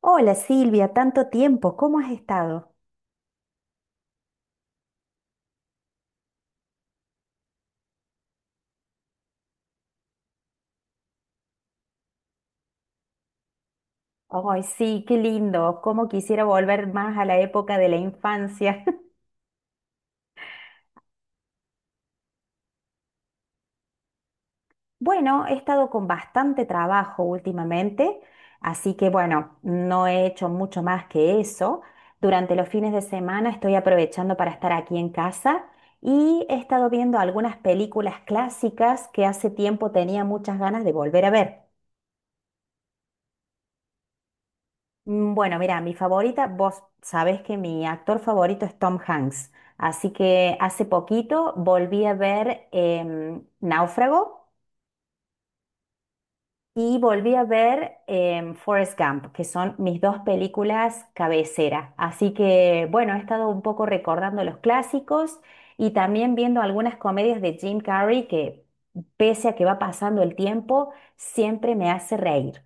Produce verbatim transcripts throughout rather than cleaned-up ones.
Hola Silvia, tanto tiempo, ¿cómo has estado? Ay, sí, qué lindo. Cómo quisiera volver más a la época de la infancia. Bueno, he estado con bastante trabajo últimamente, así que bueno, no he hecho mucho más que eso. Durante los fines de semana estoy aprovechando para estar aquí en casa y he estado viendo algunas películas clásicas que hace tiempo tenía muchas ganas de volver a ver. Mm, Bueno, mira, mi favorita, vos sabés que mi actor favorito es Tom Hanks, así que hace poquito volví a ver em, Náufrago y volví a ver em, Forrest Gump, que son mis dos películas cabecera. Así que, bueno, he estado un poco recordando los clásicos y también viendo algunas comedias de Jim Carrey que, pese a que va pasando el tiempo, siempre me hace reír.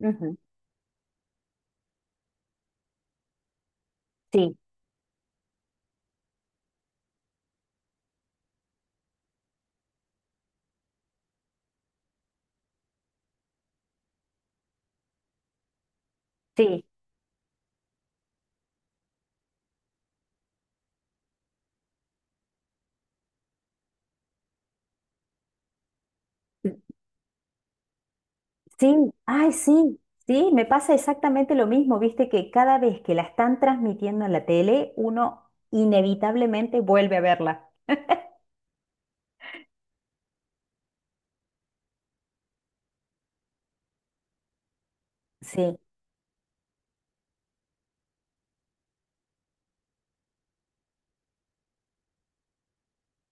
Ujú. Sí, sí. Sí, ay, sí, sí, me pasa exactamente lo mismo, viste que cada vez que la están transmitiendo en la tele, uno inevitablemente vuelve a verla. Sí,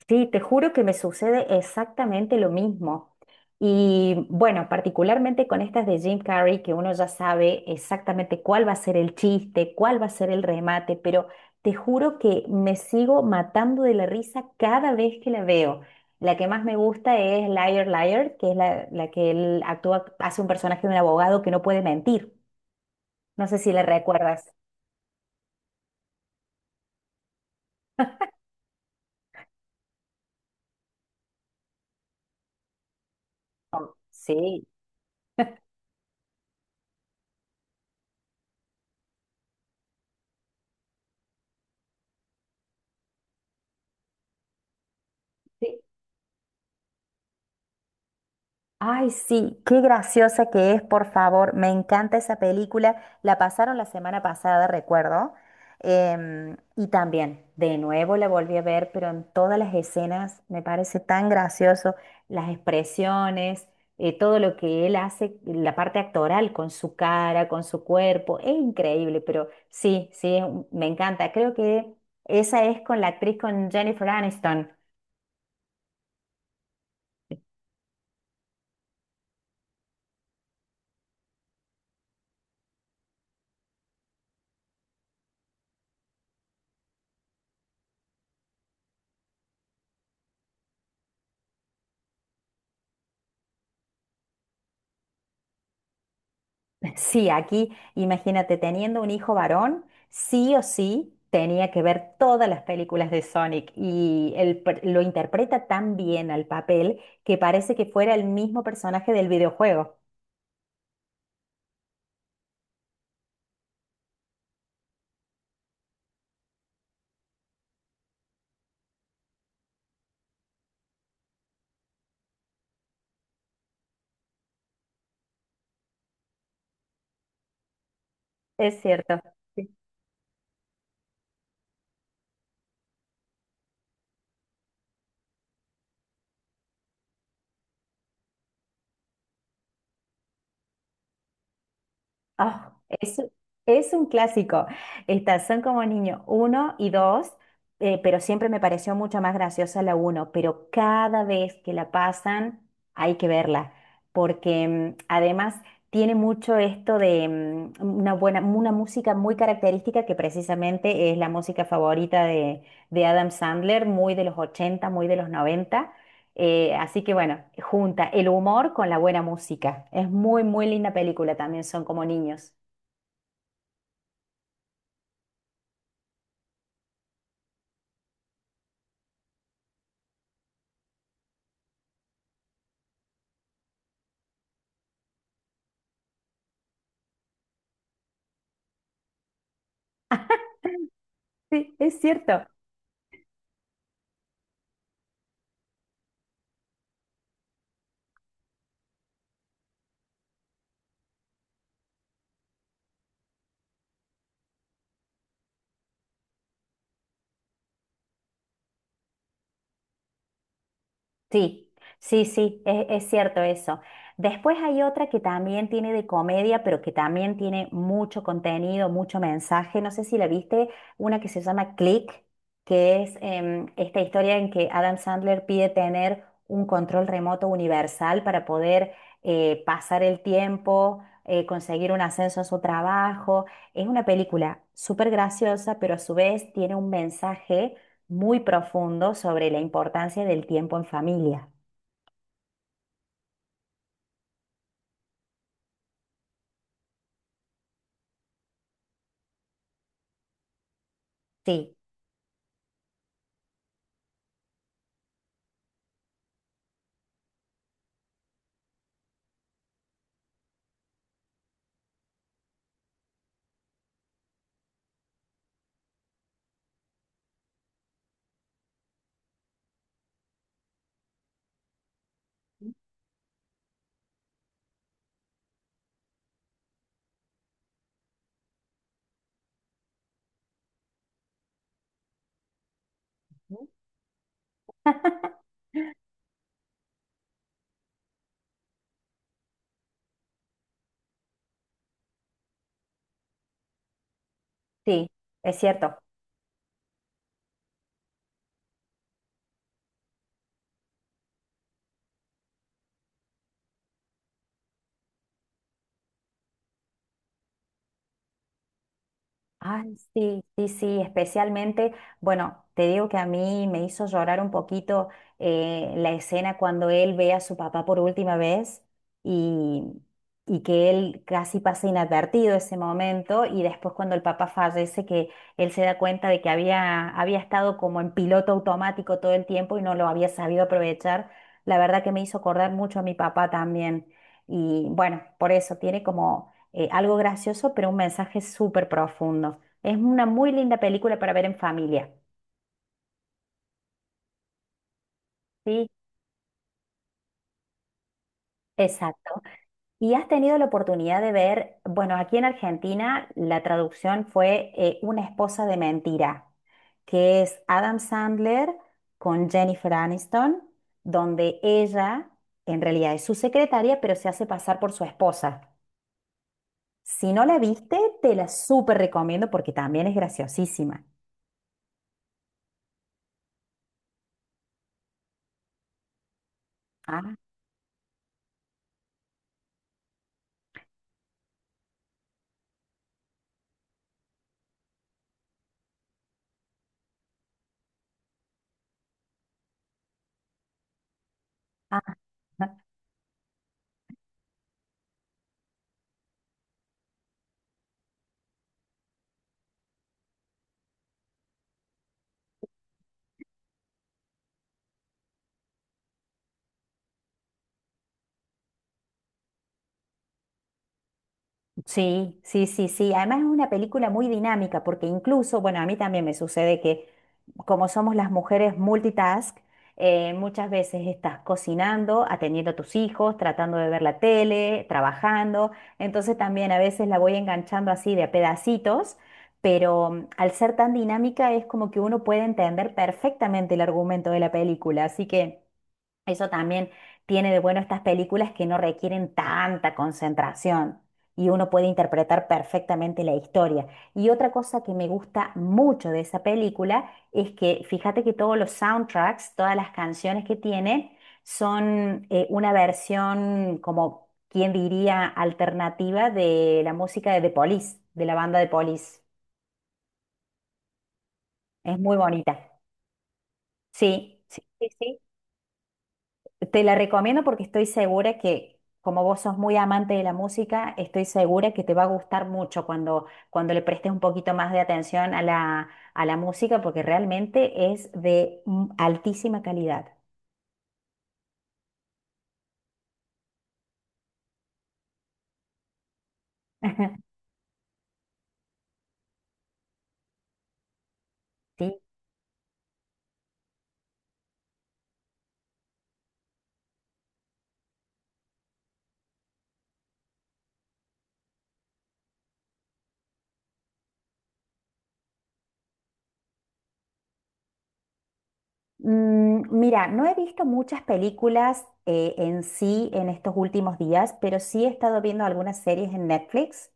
sí, te juro que me sucede exactamente lo mismo. Y bueno, particularmente con estas de Jim Carrey, que uno ya sabe exactamente cuál va a ser el chiste, cuál va a ser el remate, pero te juro que me sigo matando de la risa cada vez que la veo. La que más me gusta es Liar Liar, que es la, la que él actúa, hace un personaje de un abogado que no puede mentir. No sé si la recuerdas. Sí. Sí. Ay, sí, qué graciosa que es, por favor. Me encanta esa película. La pasaron la semana pasada, recuerdo. Em, y también, de nuevo la volví a ver, pero en todas las escenas me parece tan gracioso. Las expresiones, eh, todo lo que él hace, la parte actoral con su cara, con su cuerpo, es increíble, pero sí, sí, es un- me encanta. Creo que esa es con la actriz, con Jennifer Aniston. Sí, aquí, imagínate, teniendo un hijo varón, sí o sí tenía que ver todas las películas de Sonic y él per- lo interpreta tan bien al papel que parece que fuera el mismo personaje del videojuego. Es cierto. Ah, es, es un clásico. Estas son como niño uno y dos, eh, pero siempre me pareció mucho más graciosa la uno, pero cada vez que la pasan hay que verla, porque mm, además tiene mucho esto de mm, una buena, una música muy característica que precisamente es la música favorita de, de Adam Sandler, muy de los ochenta, muy de los noventa. Eh, así que bueno, junta el humor con la buena música. Es muy, muy linda película también, son como niños. Sí, es cierto. Sí, sí, sí, es, es cierto eso. Después hay otra que también tiene de comedia, pero que también tiene mucho contenido, mucho mensaje. No sé si la viste, una que se llama Click, que es em, esta historia en que Adam Sandler pide tener un control remoto universal para poder eh, pasar el tiempo, eh, conseguir un ascenso en su trabajo. Es una película súper graciosa, pero a su vez tiene un mensaje muy profundo sobre la importancia del tiempo en familia. Sí, sí, es cierto. Ay, sí, sí, sí, especialmente, bueno, te digo que a mí me hizo llorar un poquito eh, la escena cuando él ve a su papá por última vez y, y que él casi pasa inadvertido ese momento y después cuando el papá fallece que él se da cuenta de que había, había estado como en piloto automático todo el tiempo y no lo había sabido aprovechar, la verdad que me hizo acordar mucho a mi papá también y bueno, por eso tiene como eh, algo gracioso, pero un mensaje súper profundo. Es una muy linda película para ver en familia. Sí, exacto. ¿Y has tenido la oportunidad de ver, bueno, aquí en Argentina la traducción fue eh, Una esposa de mentira, que es Adam Sandler con Jennifer Aniston, donde ella en realidad es su secretaria, pero se hace pasar por su esposa. Si no la viste, te la súper recomiendo porque también es graciosísima. Ah, ah. Sí, sí, sí, sí. Además es una película muy dinámica porque incluso, bueno, a mí también me sucede que como somos las mujeres multitask, eh, muchas veces estás cocinando, atendiendo a tus hijos, tratando de ver la tele, trabajando. Entonces también a veces la voy enganchando así de a pedacitos, pero mm, al ser tan dinámica es como que uno puede entender perfectamente el argumento de la película. Así que... Eso también tiene de bueno estas películas que no requieren tanta concentración y uno puede interpretar perfectamente la historia. Y otra cosa que me gusta mucho de esa película es que fíjate que todos los soundtracks, todas las canciones que tiene son eh, una versión como, ¿quien diría?, alternativa de la música de The Police, de la banda de Police. Es muy bonita. Sí, sí, sí, sí. Te la recomiendo porque estoy segura que, como vos sos muy amante de la música, estoy segura que te va a gustar mucho cuando, cuando le prestes un poquito más de atención a la, a la música, porque realmente es de mm, altísima calidad. ¿Sí? Mm, mira, no he visto muchas películas eh, en sí en estos últimos días, pero sí he estado viendo algunas series en Netflix.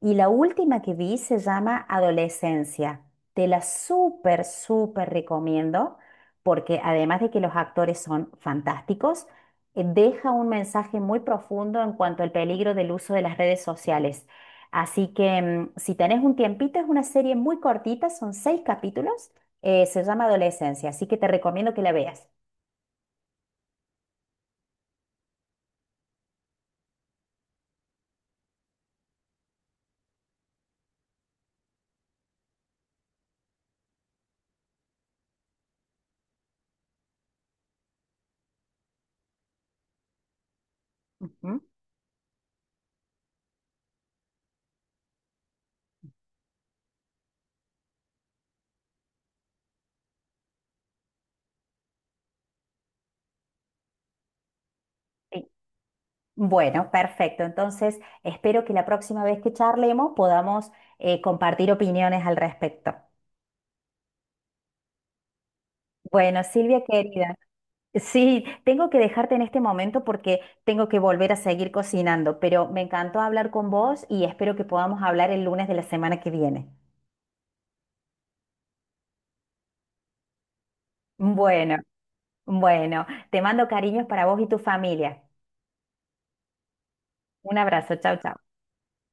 Y la última que vi se llama Adolescencia. Te la súper, súper recomiendo porque además de que los actores son fantásticos, eh, deja un mensaje muy profundo en cuanto al peligro del uso de las redes sociales. Así que mm, si tenés un tiempito, es una serie muy cortita, son seis capítulos, eh, se llama Adolescencia, así que te recomiendo que la veas. Ujú. Sí. Bueno, perfecto. Entonces, espero que la próxima vez que charlemos podamos eh, compartir opiniones al respecto. Bueno, Silvia querida, sí, tengo que dejarte en este momento porque tengo que volver a seguir cocinando, pero me encantó hablar con vos y espero que podamos hablar el lunes de la semana que viene. Bueno, bueno, te mando cariños para vos y tu familia. Un abrazo, chao, chao.